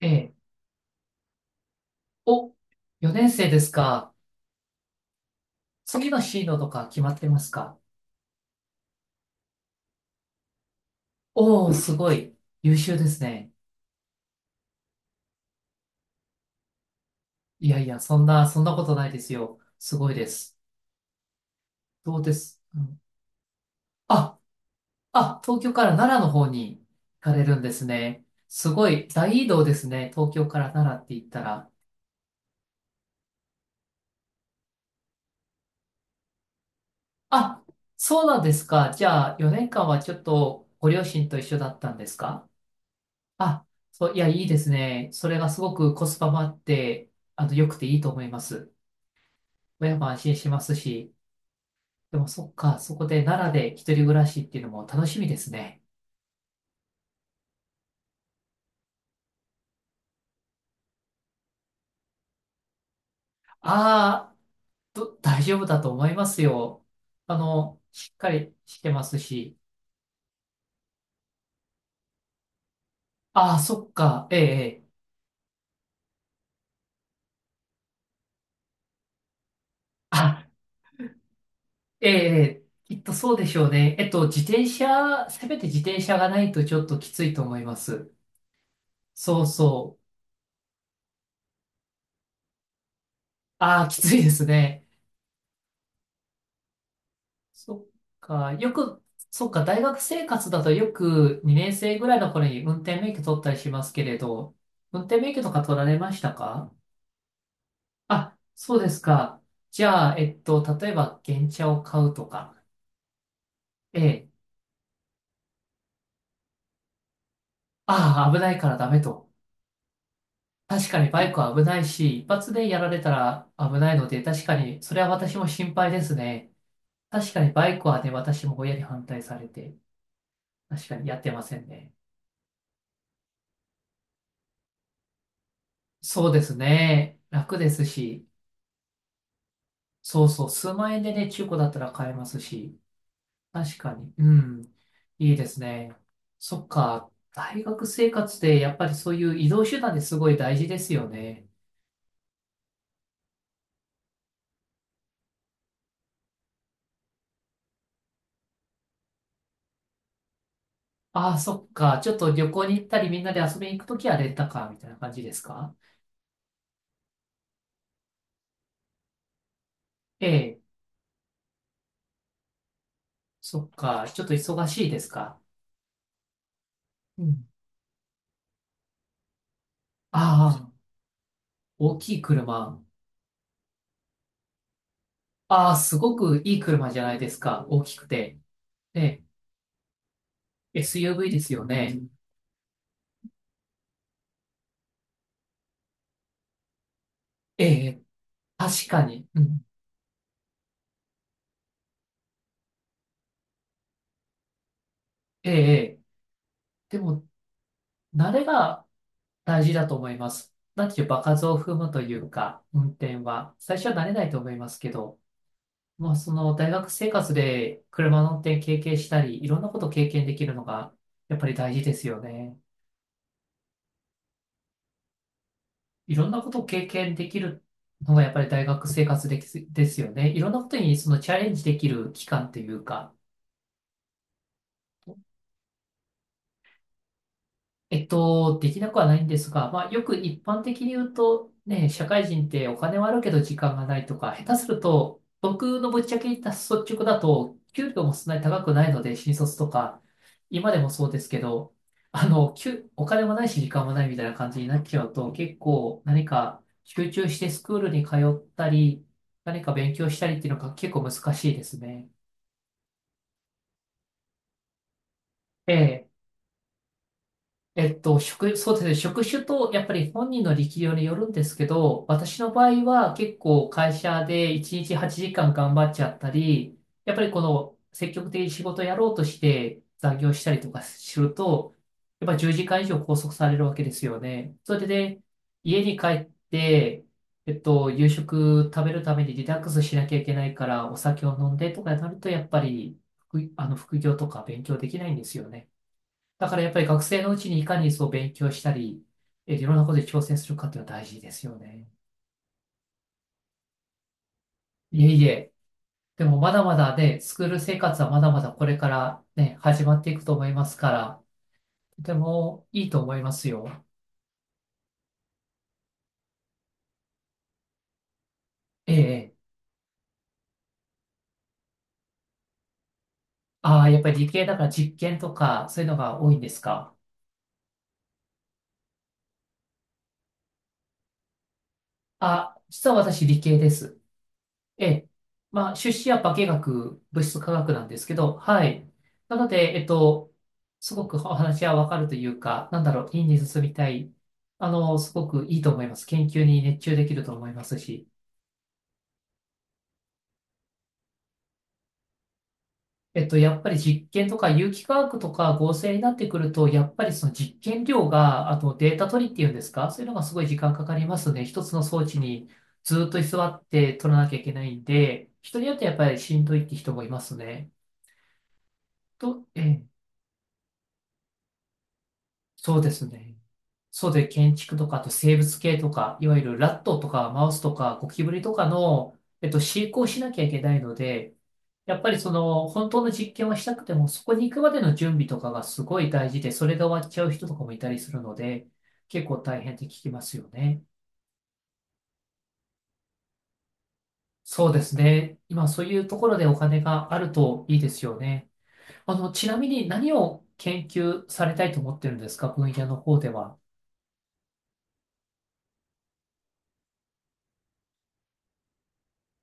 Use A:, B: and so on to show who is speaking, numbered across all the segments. A: ええ。お、4年生ですか。次の進路とか決まってますか？おおー、すごい。優秀ですね。いやいや、そんなことないですよ。すごいです。うん。あ、あ、東京から奈良の方に行かれるんですね。すごい、大移動ですね。東京から奈良って言ったら。あ、そうなんですか。じゃあ、4年間はちょっとご両親と一緒だったんですか？あ、そう、いや、いいですね。それがすごくコスパもあって、良くていいと思います。親も安心しますし、でもそっか、そこで奈良で一人暮らしっていうのも楽しみですね。ああ、大丈夫だと思いますよ。しっかりしてますし。ああ、そっか、ええ、ええ。あ、ええ、ええ。きっとそうでしょうね。自転車、せめて自転車がないとちょっときついと思います。そうそう。ああ、きついですね。そっか、大学生活だとよく2年生ぐらいの頃に運転免許取ったりしますけれど、運転免許とか取られましたか？あ、そうですか。じゃあ、例えば、原チャを買うとか、ええ、ああ、危ないからダメと。確かにバイクは危ないし、一発でやられたら危ないので、確かに、それは私も心配ですね。確かにバイクはね、私も親に反対されて、確かにやってませんね。そうですね。楽ですし。そうそう、数万円でね、中古だったら買えますし、確かに、うん、いいですね。そっか、大学生活でやっぱりそういう移動手段ですごい大事ですよね。ああ、そっか、ちょっと旅行に行ったりみんなで遊びに行くときはレンタカーみたいな感じですか？ええ、そっか、ちょっと忙しいですか？うん。ああ、大きい車。ああ、すごくいい車じゃないですか、大きくて。ええ、SUV ですよね。ええ、確かに。うん。ええ、ええ。でも、慣れが大事だと思います。なんていう場数を踏むというか、運転は。最初は慣れないと思いますけど、もうその大学生活で車の運転経験したり、いろんなことを経験できるのが、やっぱり大事ですよね。いろんなことを経験できるのが、やっぱり大学生活ですよね。いろんなことにそのチャレンジできる期間というか、できなくはないんですが、まあ、よく一般的に言うと、ね、社会人ってお金はあるけど時間がないとか、下手すると、僕のぶっちゃけ言った率直だと、給料もそんなに高くないので、新卒とか、今でもそうですけど、お金もないし時間もないみたいな感じになっちゃうと、結構何か集中してスクールに通ったり、何か勉強したりっていうのが結構難しいですね。え。そうですね。職種と、やっぱり本人の力量によるんですけど、私の場合は結構会社で1日8時間頑張っちゃったり、やっぱりこの積極的に仕事をやろうとして残業したりとかすると、やっぱり10時間以上拘束されるわけですよね。それで、ね。家に帰って、夕食食べるためにリラックスしなきゃいけないから、お酒を飲んでとかになると、やっぱり副、あの、副業とか勉強できないんですよね。だからやっぱり学生のうちにいかにそう勉強したり、いろんなことに挑戦するかっていうのは大事ですよね。いえいえ。でもまだまだね、スクール生活はまだまだこれからね、始まっていくと思いますから、とてもいいと思いますよ。ええ。ああ、やっぱり理系だから実験とかそういうのが多いんですか。あ、実は私理系です。ええ。まあ、出資は物質化学なんですけど、はい。なので、すごくお話はわかるというか、なんだろう、院に進みたい。すごくいいと思います。研究に熱中できると思いますし。やっぱり実験とか有機化学とか合成になってくると、やっぱりその実験量が、あとデータ取りっていうんですか、そういうのがすごい時間かかりますね。一つの装置にずっと居座って取らなきゃいけないんで、人によってやっぱりしんどいって人もいますね。ええ、そうですね。そうで、建築とか、あと生物系とか、いわゆるラットとかマウスとかゴキブリとかの、飼育をしなきゃいけないので、やっぱりその、本当の実験をしたくても、そこに行くまでの準備とかがすごい大事で、それが終わっちゃう人とかもいたりするので、結構大変って聞きますよね。そうですね。今、そういうところでお金があるといいですよね。ちなみに何を研究されたいと思ってるんですか？分野の方では。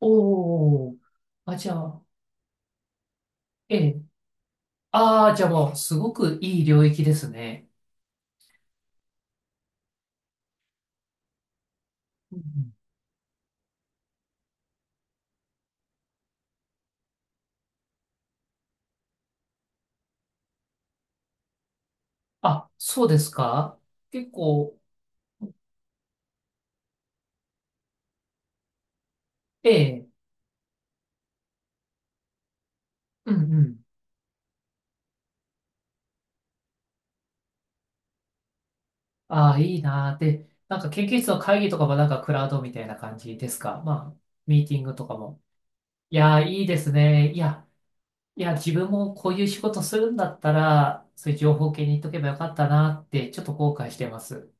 A: おー、あ、じゃあ、ええ。ああ、じゃあもう、すごくいい領域ですね。うんうん。あ、そうですか？結構、ええ、うんうん。ああ、いいなー。で、なんか研究室の会議とかもなんかクラウドみたいな感じですか？まあ、ミーティングとかも。いやー、いいですね。いや、いや、自分もこういう仕事するんだったら、そういう情報系に行っとけばよかったなーって、ちょっと後悔してます。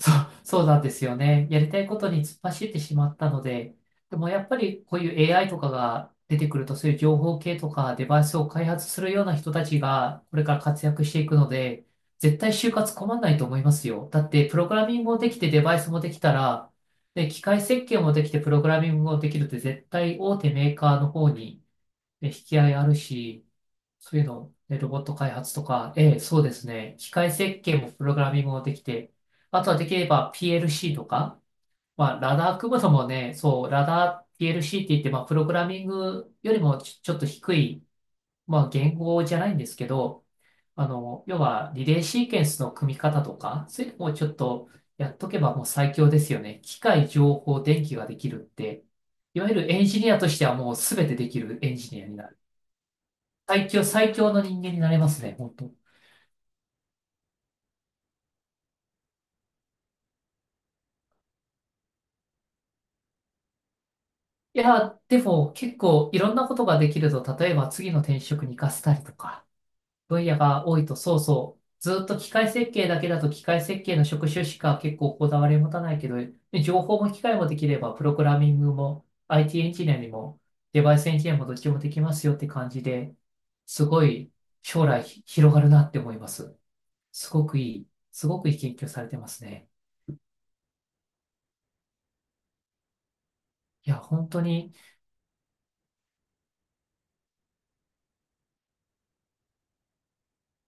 A: そう、そうなんですよね。やりたいことに突っ走ってしまったので、でもやっぱりこういう AI とかが出てくると、そういう情報系とかデバイスを開発するような人たちがこれから活躍していくので、絶対就活困んないと思いますよ。だって、プログラミングもできてデバイスもできたら、で、機械設計もできてプログラミングもできるって絶対大手メーカーの方にね引き合いあるし、そういうの、ね、ロボット開発とか、ええ、そうですね。機械設計もプログラミングもできて、あとはできれば PLC とか、まあ、ラダー組むのもね、そう、ラダー PLC って言って、まあ、プログラミングよりちょっと低い、まあ、言語じゃないんですけど、要はリレーシーケンスの組み方とか、そういうのもちょっとやっとけばもう最強ですよね。機械、情報、電気ができるって、いわゆるエンジニアとしてはもう全てできるエンジニアになる。最強、最強の人間になれますね、本当。いや、でも結構いろんなことができると、例えば次の転職に活かせたりとか、分野が多いと、そうそう、ずっと機械設計だけだと機械設計の職種しか結構こだわり持たないけど、ね、情報も機械もできれば、プログラミングも IT エンジニアにもデバイスエンジニアもどっちもできますよって感じで、すごい将来広がるなって思います。すごくいい、すごくいい研究されてますね。いや、本当に。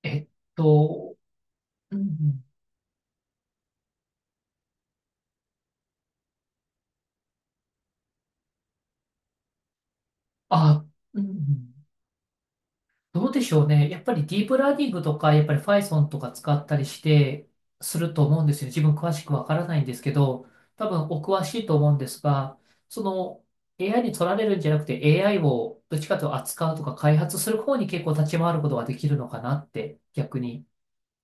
A: えっと、うんうん。あ、うんうん。どうでしょうね。やっぱりディープラーニングとか、やっぱり Python とか使ったりして、すると思うんですよ。自分詳しくわからないんですけど、多分お詳しいと思うんですが、その AI に取られるんじゃなくて AI をどっちかというと扱うとか開発する方に結構立ち回ることができるのかなって逆に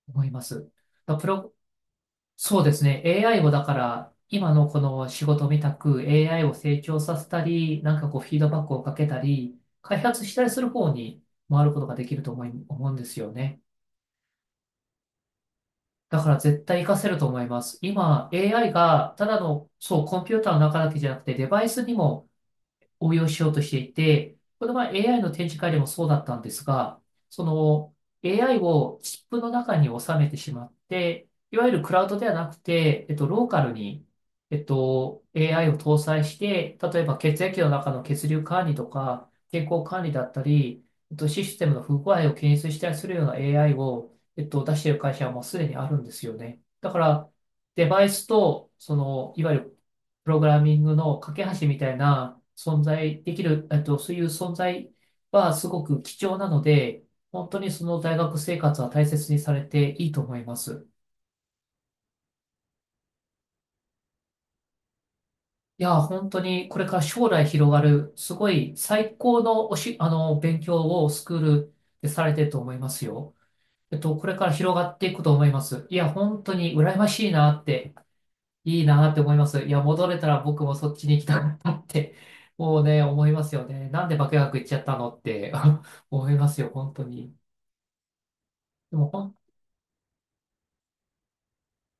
A: 思います。だからプロ、そうですね。AI をだから、今のこの仕事みたく AI を成長させたり、なんかこうフィードバックをかけたり、開発したりする方に回ることができると思うんですよね。だから絶対活かせると思います。今 AI がただの、そう、コンピューターの中だけじゃなくてデバイスにも応用しようとしていて、この前 AI の展示会でもそうだったんですが、その AI をチップの中に収めてしまって、いわゆるクラウドではなくて、ローカルに、AI を搭載して、例えば血液の中の血流管理とか、健康管理だったり、システムの不具合を検出したりするような AI を、出している会社はもうすでにあるんですよね。だから、デバイスと、その、いわゆるプログラミングの架け橋みたいな存在できる、そういう存在はすごく貴重なので、本当にその大学生活は大切にされていいと思います。いや、本当にこれから将来広がる、すごい最高のおし、あの、勉強をスクールでされてると思いますよ。これから広がっていくと思います。いや、本当に羨ましいなって。いいなって思います。いや、戻れたら僕もそっちに行きたかったって、もうね、思いますよね。なんで化学行っちゃったのって 思いますよ、本当に。でも、ほん、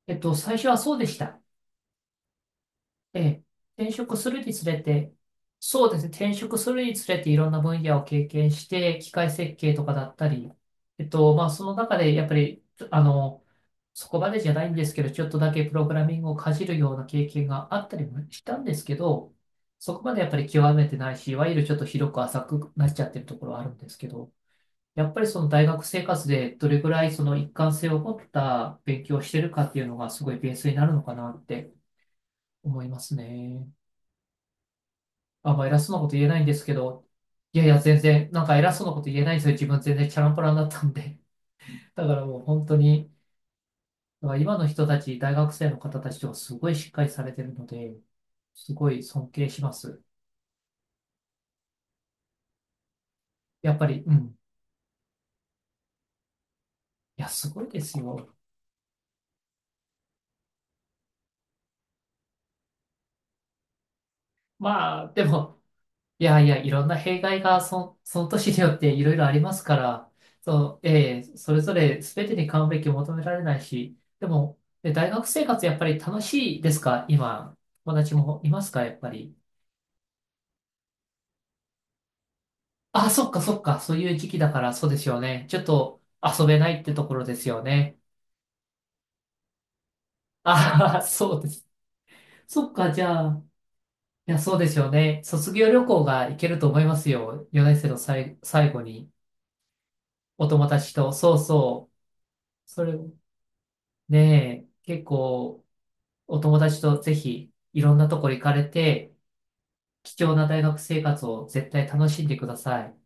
A: えっと、最初はそうでした。ええ、転職するにつれて、そうですね、転職するにつれていろんな分野を経験して、機械設計とかだったり、まあ、その中でやっぱり、あの、そこまでじゃないんですけど、ちょっとだけプログラミングをかじるような経験があったりもしたんですけど、そこまでやっぱり極めてないし、いわゆるちょっと広く浅くなっちゃってるところはあるんですけど、やっぱりその大学生活でどれぐらいその一貫性を持った勉強をしてるかっていうのがすごいベースになるのかなって思いますね。あ、まあ偉そうなこと言えないんですけど、いやいや全然、なんか偉そうなこと言えないんですよ。自分全然チャランポランだったんで。だからもう本当に、だから今の人たち、大学生の方たちとかすごいしっかりされてるので、すごい尊敬します。やっぱり、うん。いや、すごいですよ。まあ、でも、いやいや、いろんな弊害がその年によっていろいろありますから、そう、ええそれぞれ全てに完璧を求められないし、でも、大学生活やっぱり楽しいですか今、友達もいますかやっぱり？あ、そっかそっか、そういう時期だからそうですよね。ちょっと遊べないってところですよね。ああ、そうです。そっか、じゃあ、いや、そうですよね。卒業旅行が行けると思いますよ。4年生の最後に、お友達と、そうそう。それ、ねえ、結構、お友達とぜひ、いろんなとこ行かれて、貴重な大学生活を絶対楽しんでください。